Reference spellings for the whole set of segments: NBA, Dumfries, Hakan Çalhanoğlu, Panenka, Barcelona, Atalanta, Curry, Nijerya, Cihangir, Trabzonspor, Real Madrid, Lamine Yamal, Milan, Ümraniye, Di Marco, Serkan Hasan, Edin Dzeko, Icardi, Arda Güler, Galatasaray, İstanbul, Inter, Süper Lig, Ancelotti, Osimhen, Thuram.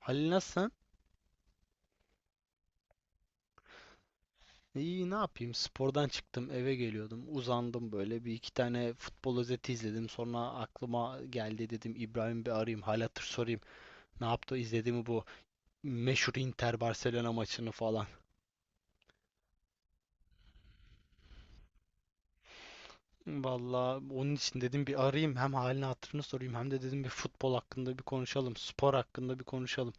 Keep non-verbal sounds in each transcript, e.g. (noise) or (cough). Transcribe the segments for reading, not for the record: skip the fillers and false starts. Halil, nasılsın? İyi, ne yapayım? Spordan çıktım, eve geliyordum. Uzandım böyle. Bir iki tane futbol özeti izledim. Sonra aklıma geldi, dedim İbrahim, bir arayayım, hal hatır sorayım. Ne yaptı? İzledi mi bu meşhur Inter Barcelona maçını falan. Vallahi onun için dedim bir arayayım. Hem halini hatırını sorayım, hem de dedim bir futbol hakkında bir konuşalım, spor hakkında bir konuşalım.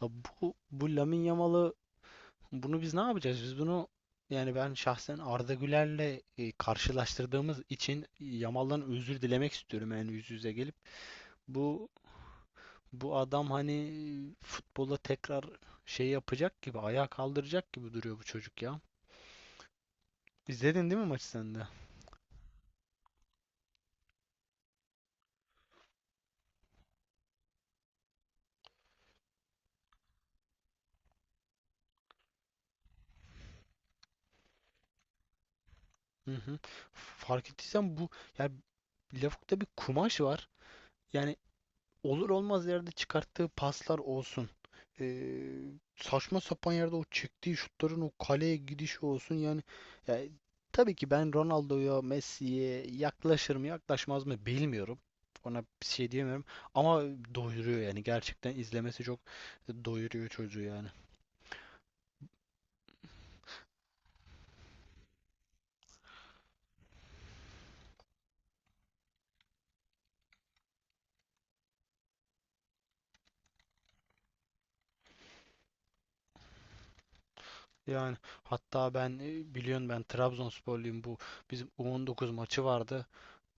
Ha, bu Lamine Yamal'ı. Bunu biz ne yapacağız? Biz bunu yani ben şahsen Arda Güler'le karşılaştırdığımız için Yamal'dan özür dilemek istiyorum, yani yüz yüze gelip. Bu bu adam hani futbola tekrar şey yapacak gibi, ayağa kaldıracak gibi duruyor bu çocuk ya. İzledin değil mi maçı sen de? Hı hı. Fark ettiysen bu, yani Lavuk'ta bir kumaş var. Yani olur olmaz yerde çıkarttığı paslar olsun. Ee, Saçma sapan yerde o çektiği şutların o kaleye gidişi olsun yani, tabii ki ben Ronaldo'ya, Messi'ye yaklaşır mı yaklaşmaz mı bilmiyorum. Ona bir şey diyemiyorum ama doyuruyor yani, gerçekten izlemesi çok doyuruyor çocuğu yani. Yani hatta ben biliyorsun, ben Trabzonsporluyum. Bu bizim U19 maçı vardı.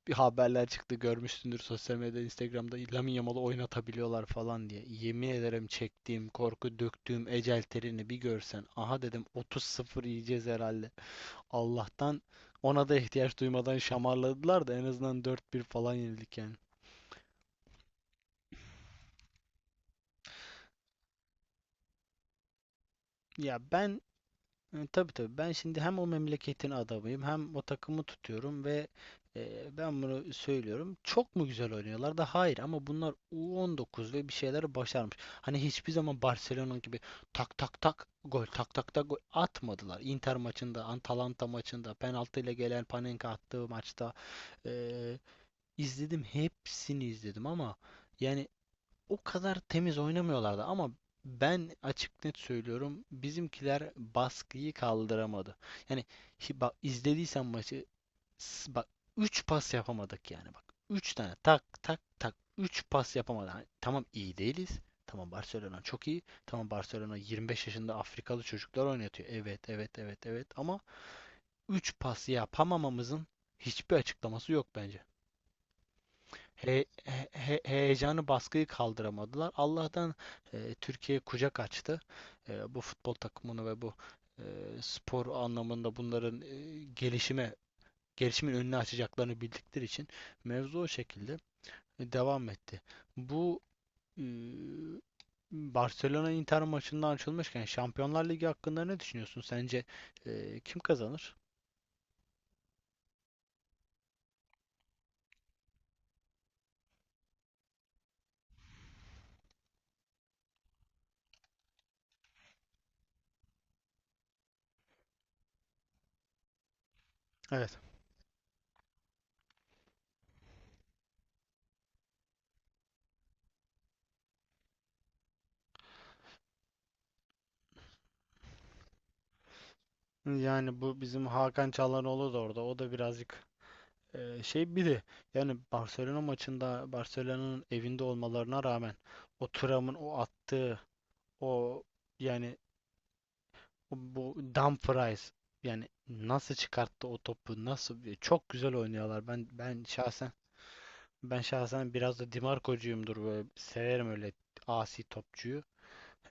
Bir haberler çıktı, görmüşsündür sosyal medyada, Instagram'da Lamine Yamal'ı oynatabiliyorlar falan diye. Yemin ederim çektiğim korku, döktüğüm ecel terini bir görsen. Aha, dedim, 30-0 yiyeceğiz herhalde. Allah'tan ona da ihtiyaç duymadan şamarladılar da en azından 4-1 falan yenildik yani. Ya ben tabii tabii. Ben şimdi hem o memleketin adamıyım, hem o takımı tutuyorum ve ben bunu söylüyorum. Çok mu güzel oynuyorlar da? Hayır, ama bunlar U19 ve bir şeyler başarmış. Hani hiçbir zaman Barcelona gibi tak tak tak gol, tak tak tak gol atmadılar. Inter maçında, Atalanta maçında, penaltıyla gelen Panenka attığı maçta, e, izledim, hepsini izledim ama yani o kadar temiz oynamıyorlardı. Ama ben açık net söylüyorum, bizimkiler baskıyı kaldıramadı. Yani bak, izlediysen maçı, bak, 3 pas yapamadık yani, bak. Üç tane tak tak tak, 3 pas yapamadık. Hani tamam, iyi değiliz. Tamam, Barcelona çok iyi. Tamam, Barcelona 25 yaşında Afrikalı çocuklar oynatıyor. Evet, evet, evet, evet ama 3 pas yapamamamızın hiçbir açıklaması yok bence. Heyecanı, baskıyı kaldıramadılar. Allah'tan Türkiye kucak açtı. Bu futbol takımını ve bu e, spor anlamında bunların gelişimin önünü açacaklarını bildikleri için mevzu o şekilde devam etti. Bu e, Barcelona Inter maçından açılmışken, Şampiyonlar Ligi hakkında ne düşünüyorsun? Sence kim kazanır? Evet. Yani bu bizim Hakan Çalhanoğlu da orada. O da birazcık. Şey, bir de yani Barcelona maçında, Barcelona'nın evinde olmalarına rağmen o Thuram'ın o attığı, o yani bu Dumfries, yani nasıl çıkarttı o topu, nasıl çok güzel oynuyorlar. Ben şahsen biraz da Di Marco'cuyumdur, böyle severim öyle asi topçuyu.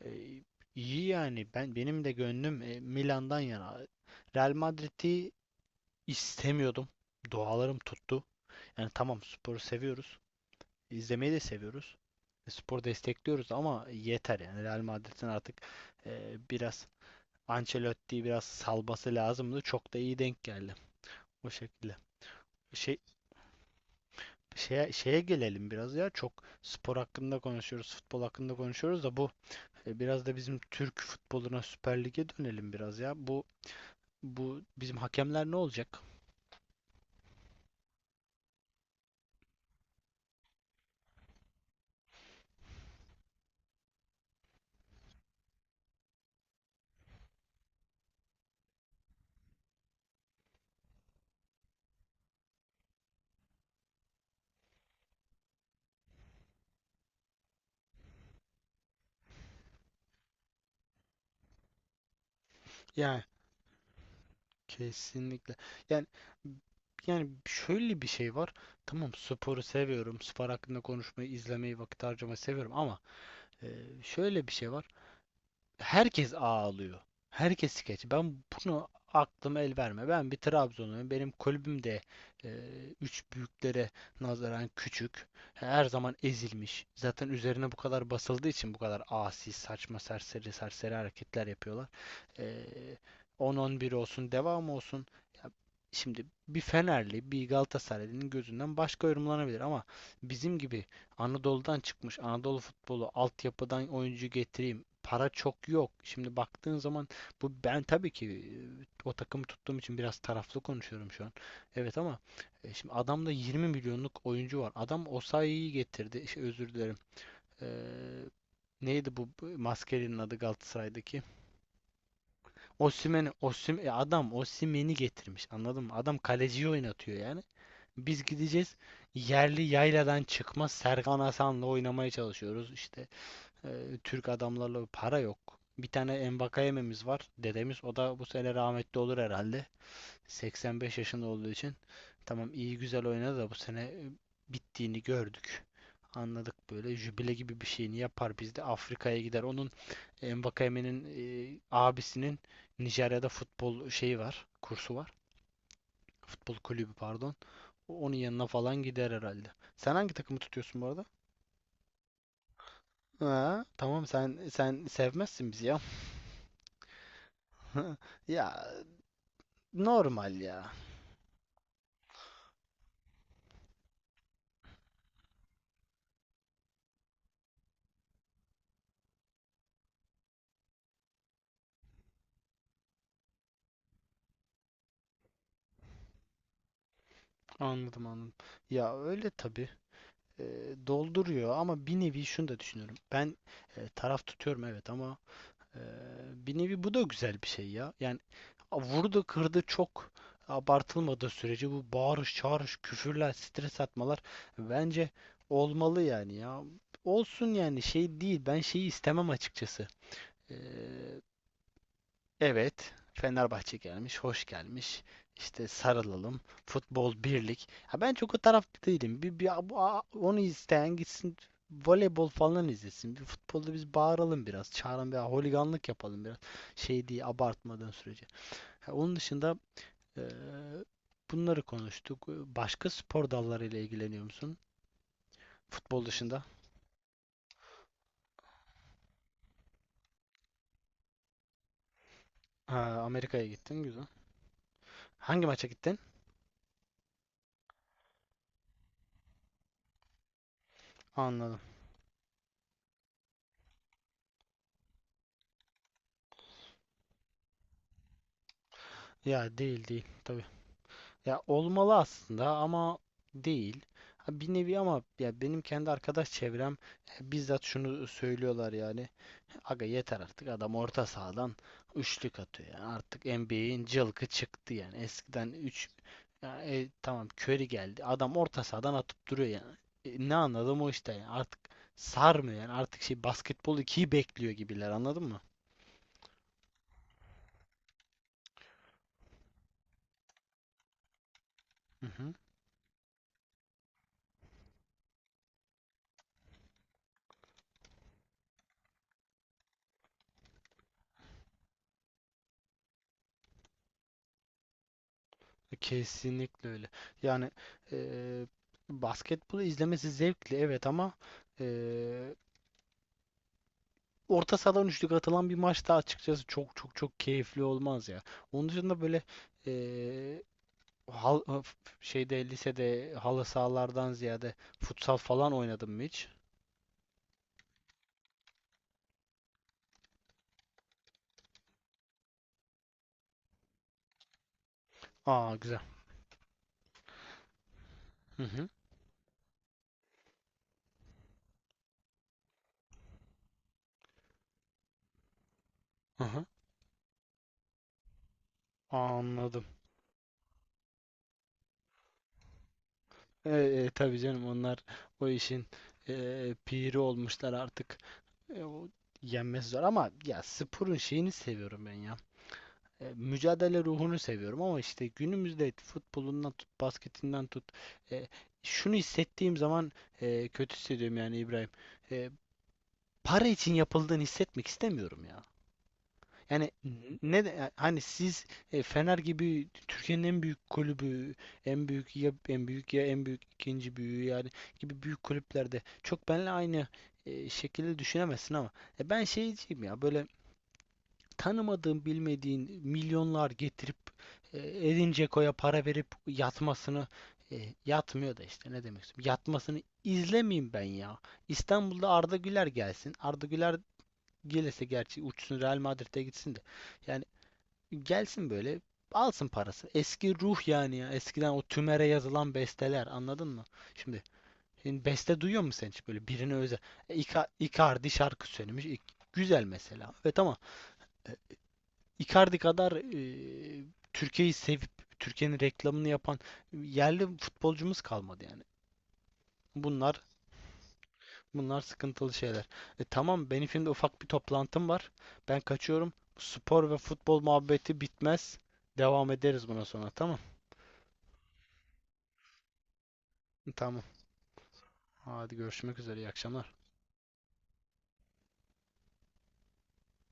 Ee, iyi yani, benim de gönlüm Milan'dan yana. Real Madrid'i istemiyordum. Dualarım tuttu. Yani tamam, sporu seviyoruz, izlemeyi de seviyoruz. Spor destekliyoruz ama yeter yani. Real Madrid'in artık biraz Ancelotti'yi biraz salması lazımdı. Çok da iyi denk geldi o şekilde. Şey, şeye gelelim biraz ya. Çok spor hakkında konuşuyoruz, futbol hakkında konuşuyoruz da biraz da bizim Türk futboluna, Süper Lig'e dönelim biraz ya. Bu bizim hakemler ne olacak? Yani. Kesinlikle. Yani yani şöyle bir şey var. Tamam, sporu seviyorum. Spor hakkında konuşmayı, izlemeyi, vakit harcamayı seviyorum ama e, şöyle bir şey var, herkes ağlıyor. Herkes skeç. Ben bunu, aklım el verme. Ben bir Trabzonluyum. Benim kulübüm de e, üç büyüklere nazaran küçük. Her zaman ezilmiş. Zaten üzerine bu kadar basıldığı için bu kadar asi, saçma, serseri, serseri hareketler yapıyorlar. E, 10-11 olsun, devam olsun. Ya, şimdi bir Fenerli, bir Galatasaraylı'nın gözünden başka yorumlanabilir ama bizim gibi Anadolu'dan çıkmış, Anadolu futbolu, altyapıdan oyuncu getireyim, para çok yok. Şimdi baktığın zaman, ben tabii ki o takımı tuttuğum için biraz taraflı konuşuyorum şu an. Evet ama şimdi adamda 20 milyonluk oyuncu var. Adam Osayi'yi getirdi. Şey, özür dilerim. Ee, Neydi bu maskelinin adı Galatasaray'daki? Osimhen, adam Osimhen'i getirmiş. Anladın mı? Adam kaleciyi oynatıyor yani. Biz gideceğiz, yerli yayladan çıkma Serkan Hasan'la oynamaya çalışıyoruz. İşte, Türk adamlarla, para yok. Bir tane Mbakayememiz var. Dedemiz, o da bu sene rahmetli olur herhalde. 85 yaşında olduğu için. Tamam, iyi güzel oynadı da bu sene bittiğini gördük. Anladık, böyle jübile gibi bir şeyini yapar, biz de Afrika'ya gider. Onun, Mbakayeme'nin abisinin Nijerya'da futbol şeyi var, kursu var. Futbol kulübü pardon. Onun yanına falan gider herhalde. Sen hangi takımı tutuyorsun bu arada? Ha, tamam, sen sevmezsin bizi ya. Hı, Ya, normal ya. Anladım, anladım. Ya öyle, tabii. E, Dolduruyor ama bir nevi şunu da düşünüyorum. Ben taraf tutuyorum, evet, ama e, bir nevi bu da güzel bir şey ya. Yani, vurdu kırdı çok abartılmadığı sürece bu bağırış çağırış, küfürler, stres atmalar bence olmalı yani ya. Olsun yani, şey değil. Ben şeyi istemem açıkçası. E, Evet, Fenerbahçe gelmiş, hoş gelmiş, İşte sarılalım, futbol birlik. Ha, ben çok o tarafta değilim. Onu isteyen gitsin, voleybol falan izlesin. Bir futbolda biz bağıralım biraz, çağırın veya holiganlık yapalım biraz. Şey diye, abartmadan sürece. Ha, Onun dışında eee, bunları konuştuk. Başka spor dallarıyla ilgileniyor musun? Futbol dışında. Ha, Amerika'ya gittin, güzel. Hangi maça gittin? Anladım. Ya, değil değil. Tabii. Ya olmalı aslında ama değil. Ha, Bir nevi ama ya, benim kendi arkadaş (laughs) çevrem, bizzat şunu söylüyorlar yani. Aga yeter artık, adam orta sahadan üçlük atıyor. Yani artık NBA'in cılkı çıktı yani. Eskiden 3, tamam, Curry geldi, adam orta sahadan atıp duruyor yani. Ne anladım o işte yani. Artık sarmıyor yani. Artık şey, basketbol ikiyi bekliyor gibiler, anladın mı? Hı hı. Kesinlikle öyle. Yani, eee basketbolu izlemesi zevkli, evet, ama eee, orta sahadan üçlük atılan bir maçta açıkçası çok çok çok keyifli olmaz ya. Onun dışında böyle, eee, hal, f- şeyde lisede halı sahalardan ziyade futsal falan oynadım mı hiç? Aa, güzel. Hı hı. Hı hı. Anladım. Tabii canım, onlar o işin piri olmuşlar artık. O, yenmesi zor ama ya, sporun şeyini seviyorum ben ya. Mücadele ruhunu seviyorum ama işte, günümüzde futbolundan tut, basketinden tut. E, Şunu hissettiğim zaman kötü hissediyorum yani, İbrahim. E, Para için yapıldığını hissetmek istemiyorum ya. Yani, hani siz Fener gibi Türkiye'nin en büyük kulübü, en büyük ya, en büyük ya, en büyük ikinci büyüğü yani gibi büyük kulüplerde çok benle aynı şekilde düşünemezsin ama ben şeyciyim ya, böyle tanımadığın, bilmediğin milyonlar getirip, e, Edin Dzeko'ya para verip yatmasını, yatmıyor da işte, ne demek istiyorum. Yatmasını izlemeyeyim ben ya. İstanbul'da Arda Güler gelsin. Arda Güler gelirse gerçi uçsun, Real Madrid'e gitsin de. Yani gelsin böyle, alsın parası. Eski ruh yani ya. Eskiden o tümere yazılan besteler, anladın mı? Şimdi, şimdi, beste duyuyor musun sen hiç böyle birine özel? Icardi şarkı söylemiş. Güzel mesela. Ve tamam, Icardi kadar Türkiye'yi sevip, Türkiye'nin reklamını yapan yerli futbolcumuz kalmadı yani. Bunlar bunlar sıkıntılı şeyler. Tamam, benim şimdi ufak bir toplantım var. Ben kaçıyorum. Spor ve futbol muhabbeti bitmez. Devam ederiz buna sonra, tamam. Tamam. Hadi, görüşmek üzere. İyi akşamlar.